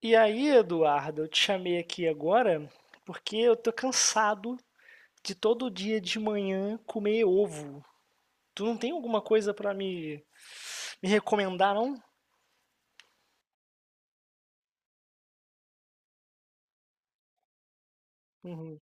E aí, Eduardo, eu te chamei aqui agora porque eu tô cansado de todo dia de manhã comer ovo. Tu não tem alguma coisa pra me recomendar, não? Uhum.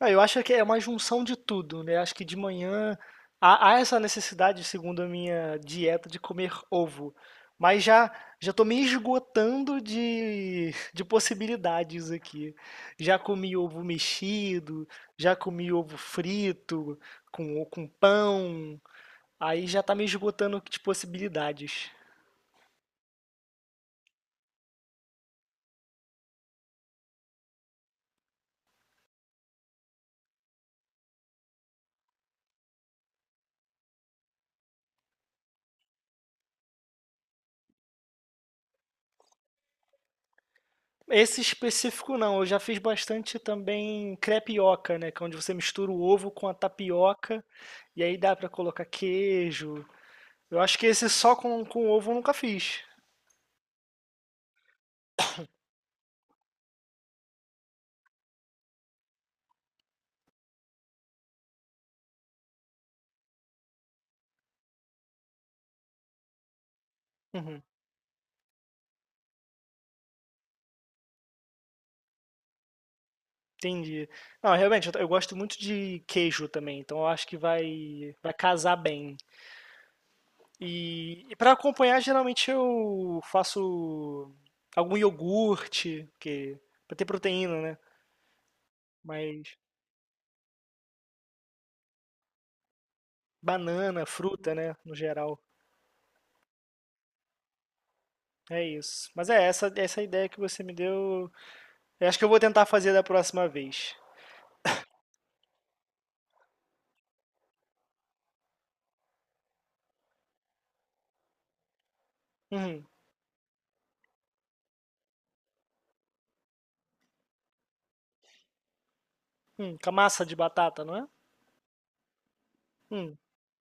Ah, eu acho que é uma junção de tudo, né? Acho que de manhã há essa necessidade, segundo a minha dieta, de comer ovo. Mas já estou me esgotando de possibilidades aqui. Já comi ovo mexido, já comi ovo frito, com pão. Aí já está me esgotando de possibilidades. Esse específico não, eu já fiz bastante também crepioca, né? Que é onde você mistura o ovo com a tapioca e aí dá pra colocar queijo. Eu acho que esse só com ovo eu nunca fiz. Uhum, entendi. Não, realmente, eu gosto muito de queijo também, então eu acho que vai casar bem. E para acompanhar, geralmente eu faço algum iogurte, que, pra ter proteína, né? Mas banana, fruta, né? No geral. É isso. Mas é, essa ideia que você me deu. Eu acho que eu vou tentar fazer da próxima vez. Uhum. Com a massa de batata, não é? Hum.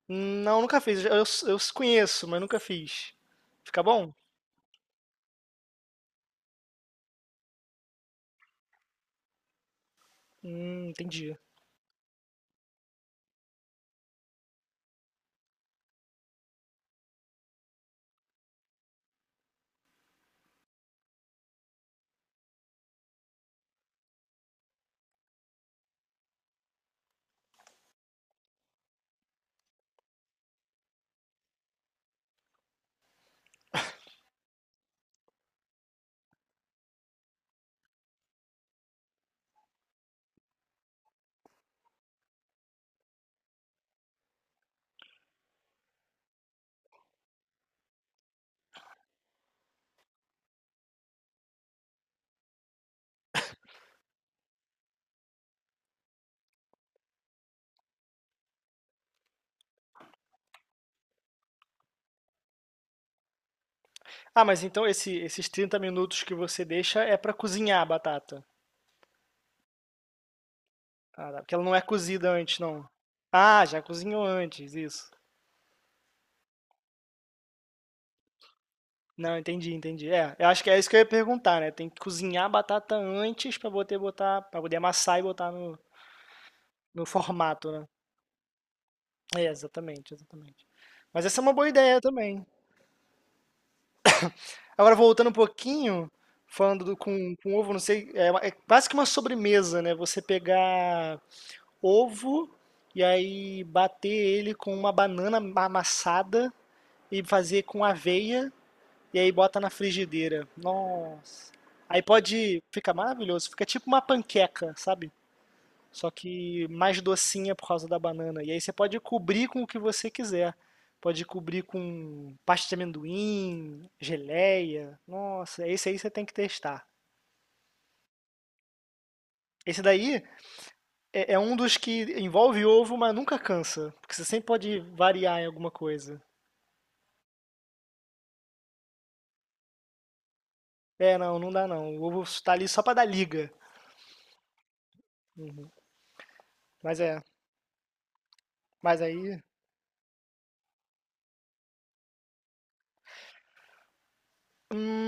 Não, nunca fiz. Eu conheço, mas nunca fiz. Fica bom? Entendi. Ah, mas então esses 30 minutos que você deixa é pra cozinhar a batata. Ah, tá. Porque ela não é cozida antes, não. Ah, já cozinhou antes, isso. Não, entendi, entendi. É, eu acho que é isso que eu ia perguntar, né? Tem que cozinhar a batata antes pra poder botar, para poder amassar e botar no formato, né? É, exatamente, exatamente. Mas essa é uma boa ideia também. Agora, voltando um pouquinho, falando com ovo, não sei, é, é quase que uma sobremesa, né? Você pegar ovo e aí bater ele com uma banana amassada e fazer com aveia e aí bota na frigideira. Nossa. Aí pode, fica maravilhoso, fica tipo uma panqueca, sabe? Só que mais docinha por causa da banana. E aí você pode cobrir com o que você quiser. Pode cobrir com pasta de amendoim, geleia. Nossa, esse aí você tem que testar. Esse daí é um dos que envolve ovo, mas nunca cansa. Porque você sempre pode variar em alguma coisa. É, não, não dá não. O ovo tá ali só pra dar liga. Mas é. Mas aí.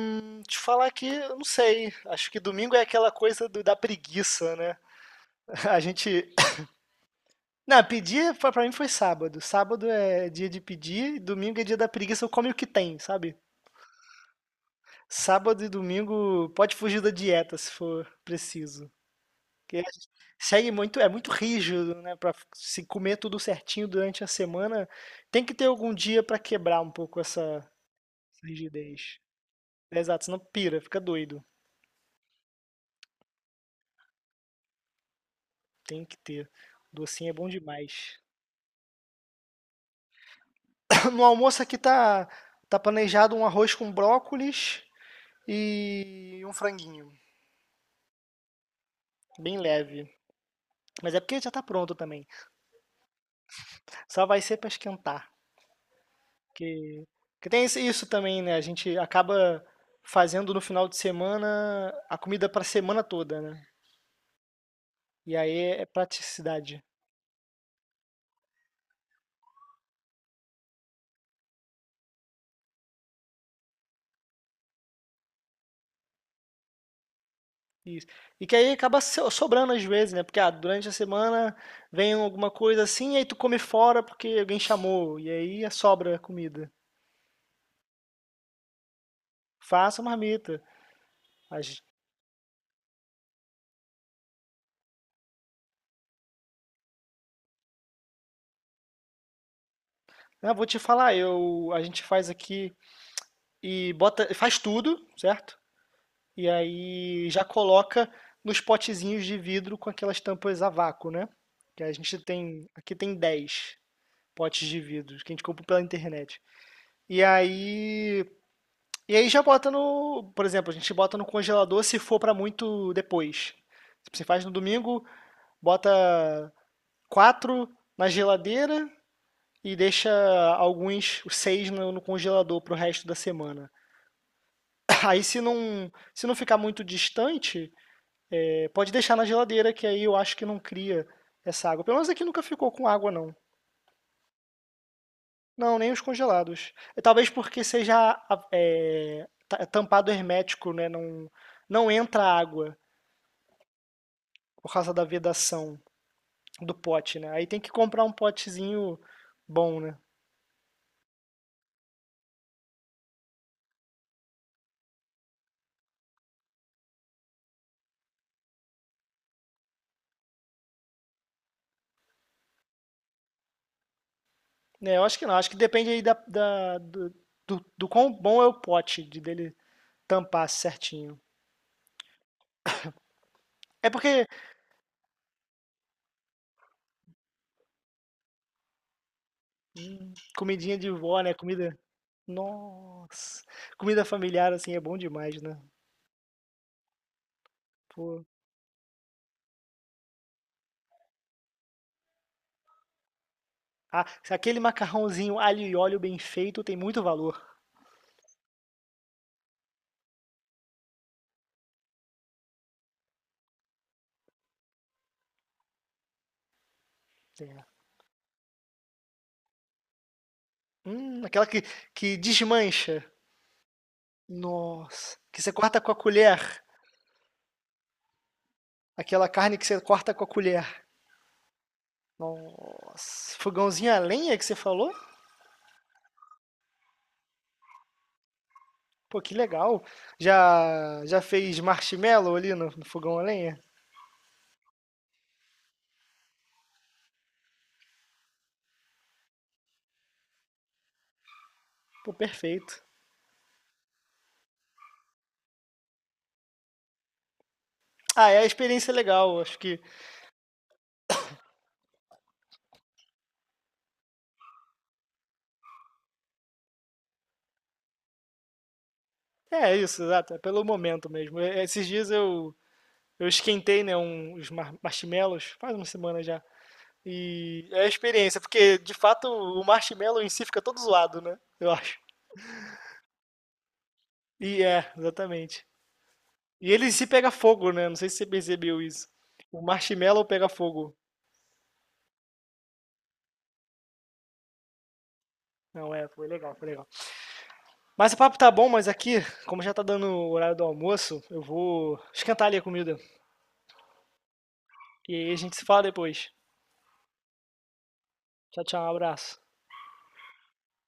Te falar que, eu não sei. Acho que domingo é aquela coisa da preguiça, né? A gente Não, pedir pra mim foi sábado. Sábado é dia de pedir, domingo é dia da preguiça, eu como o que tem, sabe? Sábado e domingo pode fugir da dieta se for preciso. Porque segue muito, é muito rígido, né? Pra se comer tudo certinho durante a semana, tem que ter algum dia pra quebrar um pouco essa rigidez. É, exato, senão pira, fica doido. Tem que ter. Docinho é bom demais. No almoço aqui tá planejado um arroz com brócolis e um franguinho. Bem leve. Mas é porque já tá pronto também. Só vai ser pra esquentar. Que, que tem isso também, né? A gente acaba fazendo no final de semana a comida pra semana toda, né? E aí é praticidade. Isso. E que aí acaba sobrando às vezes, né? Porque ah, durante a semana vem alguma coisa assim, e aí tu come fora porque alguém chamou. E aí sobra a comida. Faça marmita. A gen- Ah, vou te falar, a gente faz aqui e bota, faz tudo, certo? E aí já coloca nos potezinhos de vidro com aquelas tampas a vácuo, né? Que a gente tem, aqui tem 10 potes de vidro que a gente compra pela internet. E aí, e aí, já bota no, por exemplo, a gente bota no congelador se for para muito depois. Tipo, você faz no domingo, bota 4 na geladeira e deixa alguns, os 6 no, congelador pro resto da semana. Aí se não ficar muito distante, é, pode deixar na geladeira, que aí eu acho que não cria essa água. Pelo menos aqui nunca ficou com água, não. Não, nem os congelados. É, talvez porque seja é, é tampado hermético, né? Não, não entra água por causa da vedação do pote, né? Aí tem que comprar um potezinho bom, né? É, eu acho que não. Acho que depende aí do quão bom é o pote, de dele tampar certinho. É porque hum, comidinha de vó, né? Comida. Nossa! Comida familiar, assim, é bom demais, né? Pô. Ah, se aquele macarrãozinho alho e óleo bem feito tem muito valor. É. Aquela que desmancha. Nossa! Que você corta com a colher. Aquela carne que você corta com a colher. Nossa! Fogãozinho a lenha que você falou? Pô, que legal. Já fez marshmallow ali no, fogão a lenha? Pô, perfeito. Ah, é a experiência legal. Acho que é isso, exato. É pelo momento mesmo. É, esses dias eu esquentei, né, uns marshmallows, faz uma semana já. E é a experiência, porque de fato o marshmallow em si fica todo zoado, né? Eu acho. E é, exatamente. E ele em si pega fogo, né? Não sei se você percebeu isso. O marshmallow pega fogo. Não, é, foi legal, foi legal. Mas o papo tá bom, mas aqui, como já tá dando o horário do almoço, eu vou esquentar ali a comida. E aí a gente se fala depois. Tchau, tchau, um abraço.